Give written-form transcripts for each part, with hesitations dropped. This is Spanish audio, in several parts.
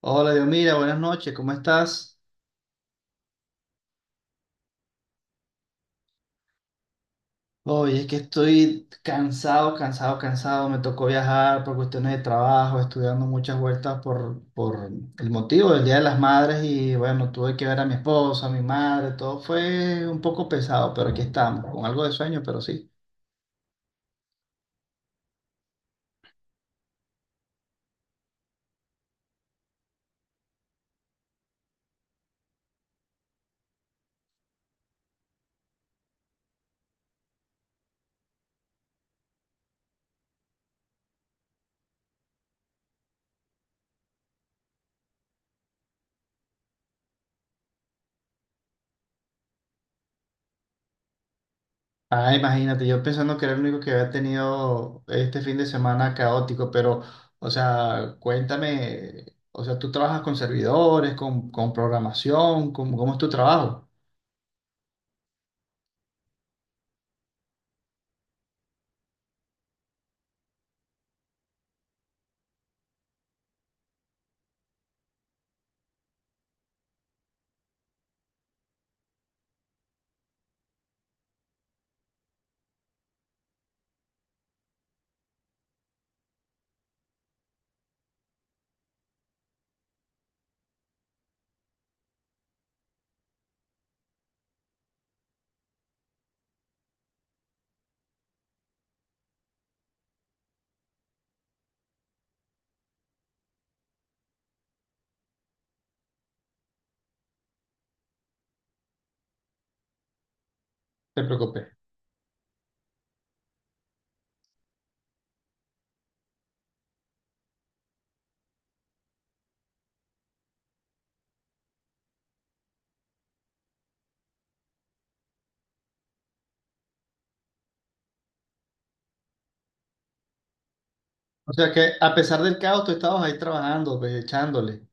Hola, Dios, mira, buenas noches, ¿cómo estás? Oye, es que estoy cansado, cansado, cansado. Me tocó viajar por cuestiones de trabajo, estudiando muchas vueltas por el motivo del Día de las Madres y bueno, tuve que ver a mi esposa, a mi madre, todo fue un poco pesado, pero aquí estamos, con algo de sueño, pero sí. Ah, imagínate, yo pensando que era el único que había tenido este fin de semana caótico, pero, o sea, cuéntame, o sea, tú trabajas con servidores, con programación, ¿cómo es tu trabajo? Te preocupes. O sea que a pesar del caos, tú estabas ahí trabajando, pues, echándole.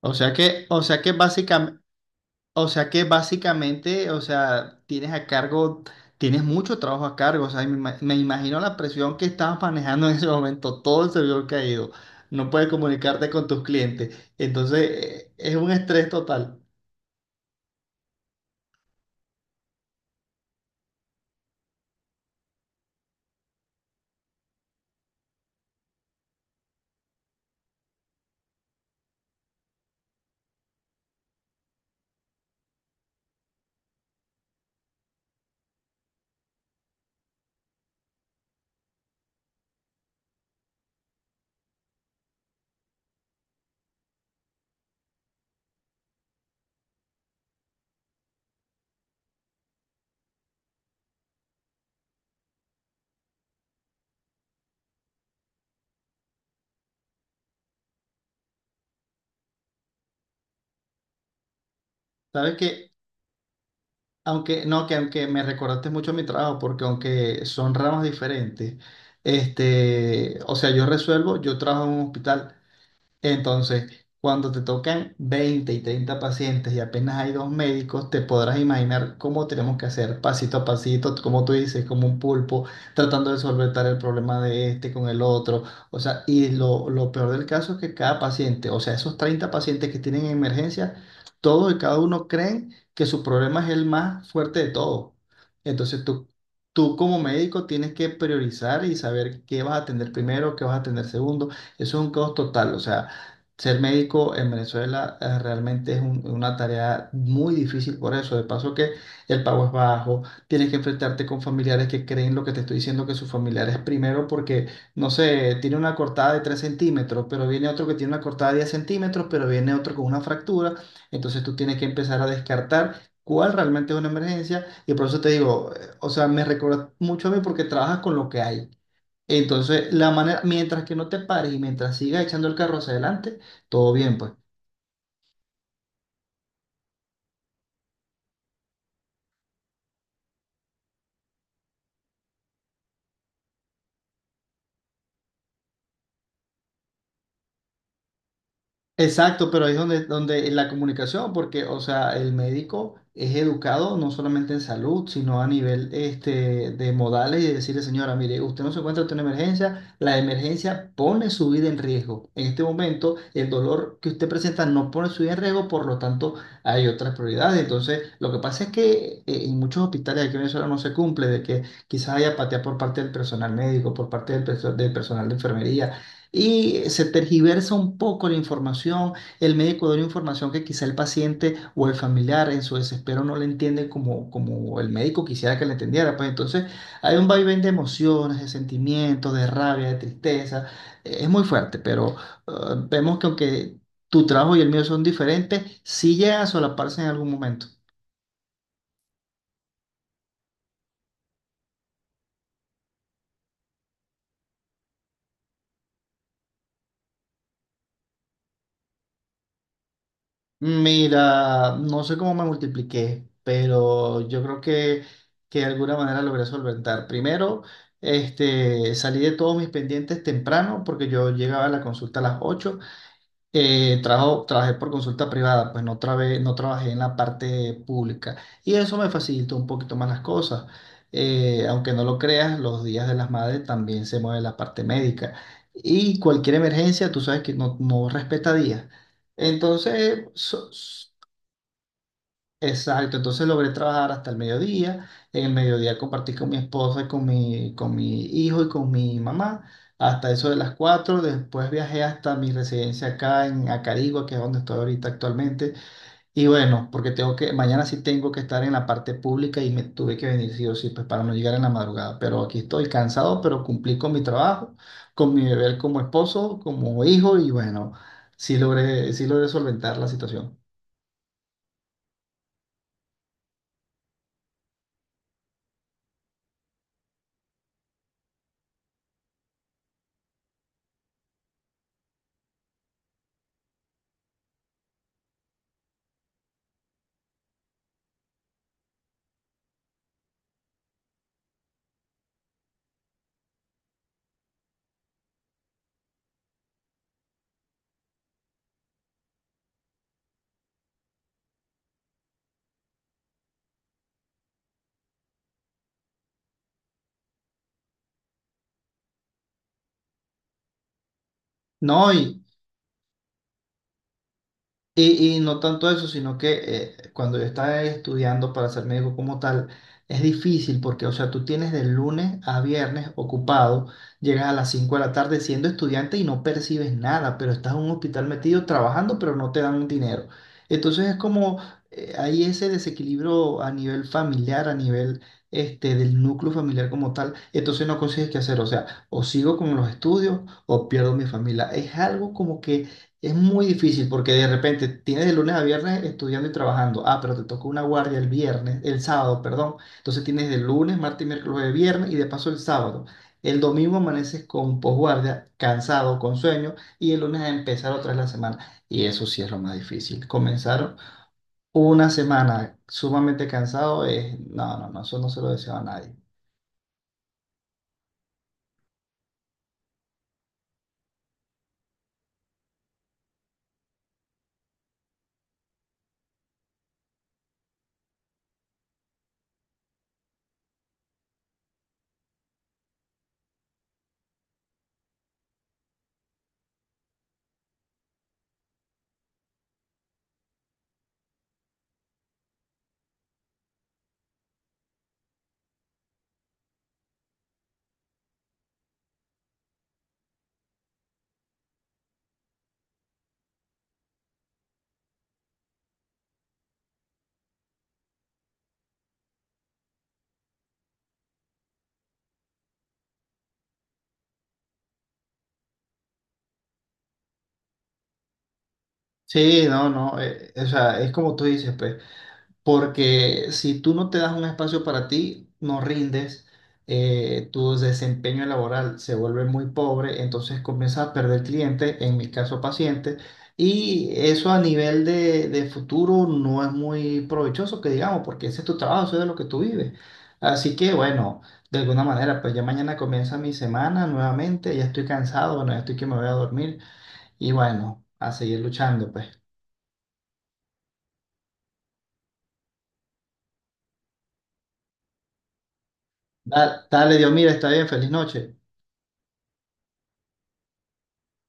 O sea que, o sea que básicamente, o sea, tienes a cargo, tienes mucho trabajo a cargo. O sea, me imagino la presión que estabas manejando en ese momento, todo el servidor caído. No puedes comunicarte con tus clientes. Entonces, es un estrés total. Sabes que, aunque, no, que aunque me recordaste mucho mi trabajo, porque aunque son ramas diferentes, este, o sea, yo resuelvo, yo trabajo en un hospital. Entonces, cuando te tocan 20 y 30 pacientes y apenas hay dos médicos, te podrás imaginar cómo tenemos que hacer pasito a pasito, como tú dices, como un pulpo, tratando de solventar el problema de este con el otro. O sea, y lo peor del caso es que cada paciente, o sea, esos 30 pacientes que tienen emergencia, todos y cada uno creen que su problema es el más fuerte de todos. Entonces, tú... Tú como médico tienes que priorizar y saber qué vas a atender primero, qué vas a atender segundo. Eso es un caos total. O sea, ser médico en Venezuela realmente es una tarea muy difícil por eso. De paso que el pago es bajo, tienes que enfrentarte con familiares que creen lo que te estoy diciendo que sus familiares primero porque, no sé, tiene una cortada de 3 centímetros, pero viene otro que tiene una cortada de 10 centímetros, pero viene otro con una fractura. Entonces tú tienes que empezar a descartar cuál realmente es una emergencia. Y por eso te digo, o sea, me recuerda mucho a mí porque trabajas con lo que hay. Entonces, la manera, mientras que no te pares y mientras sigas echando el carro hacia adelante, todo bien, pues. Exacto, pero ahí es donde la comunicación, porque, o sea, el médico es educado no solamente en salud, sino a nivel este, de modales y de decirle, señora, mire, usted no se encuentra ante una emergencia, la emergencia pone su vida en riesgo. En este momento, el dolor que usted presenta no pone su vida en riesgo, por lo tanto, hay otras prioridades. Entonces, lo que pasa es que en muchos hospitales aquí en Venezuela no se cumple, de que quizás haya apatía por parte del personal médico, por parte del personal de enfermería y se tergiversa un poco la información, el médico da una información que quizá el paciente o el familiar en su desespero no le entiende como el médico quisiera que le entendiera, pues entonces hay un vaivén de emociones, de sentimientos, de rabia, de tristeza. Es muy fuerte, pero eh, vemos que aunque tu trabajo y el mío son diferentes, sí llega a solaparse en algún momento. Mira, no sé cómo me multipliqué, pero yo creo que de alguna manera logré solventar. Primero, este, salí de todos mis pendientes temprano porque yo llegaba a la consulta a las 8. Trabajé por consulta privada, pues no, no trabajé en la parte pública y eso me facilitó un poquito más las cosas. Aunque no lo creas, los días de las madres también se mueve la parte médica y cualquier emergencia, tú sabes que no, no respeta días. Entonces, exacto, entonces logré trabajar hasta el mediodía. En el mediodía compartí con mi esposa y con mi hijo y con mi mamá hasta eso de las 4. Después viajé hasta mi residencia acá en Acarigua, que es donde estoy ahorita actualmente. Y bueno, porque mañana sí tengo que estar en la parte pública y me tuve que venir sí o sí, pues para no llegar en la madrugada. Pero aquí estoy cansado, pero cumplí con mi trabajo, con mi deber como esposo, como hijo y bueno, sí logré solventar la situación. No, y, y no tanto eso, sino que cuando yo estaba estudiando para ser médico como tal, es difícil porque, o sea, tú tienes de lunes a viernes ocupado, llegas a las 5 de la tarde siendo estudiante y no percibes nada, pero estás en un hospital metido trabajando, pero no te dan dinero. Entonces es como, hay ese desequilibrio a nivel familiar, a nivel este, del núcleo familiar como tal, entonces no consigues qué hacer, o sea, o sigo con los estudios o pierdo mi familia. Es algo como que es muy difícil porque de repente tienes de lunes a viernes estudiando y trabajando. Ah, pero te tocó una guardia el viernes, el sábado, perdón. Entonces tienes de lunes, martes, miércoles, jueves, viernes y de paso el sábado. El domingo amaneces con posguardia, cansado, con sueño y el lunes a empezar otra vez la semana. Y eso sí es lo más difícil. Comenzar una semana sumamente cansado es... No, no, no, eso no se lo deseo a nadie. Sí, no, no, o sea, es como tú dices, pues. Porque si tú no te das un espacio para ti, no rindes, tu desempeño laboral se vuelve muy pobre, entonces comienzas a perder clientes, en mi caso pacientes, y eso a nivel de futuro no es muy provechoso, que digamos, porque ese es tu trabajo, eso es de lo que tú vives. Así que bueno, de alguna manera, pues ya mañana comienza mi semana nuevamente, ya estoy cansado, bueno, ya estoy que me voy a dormir y bueno, a seguir luchando, pues. Dale, Dios, mira, está bien, feliz noche.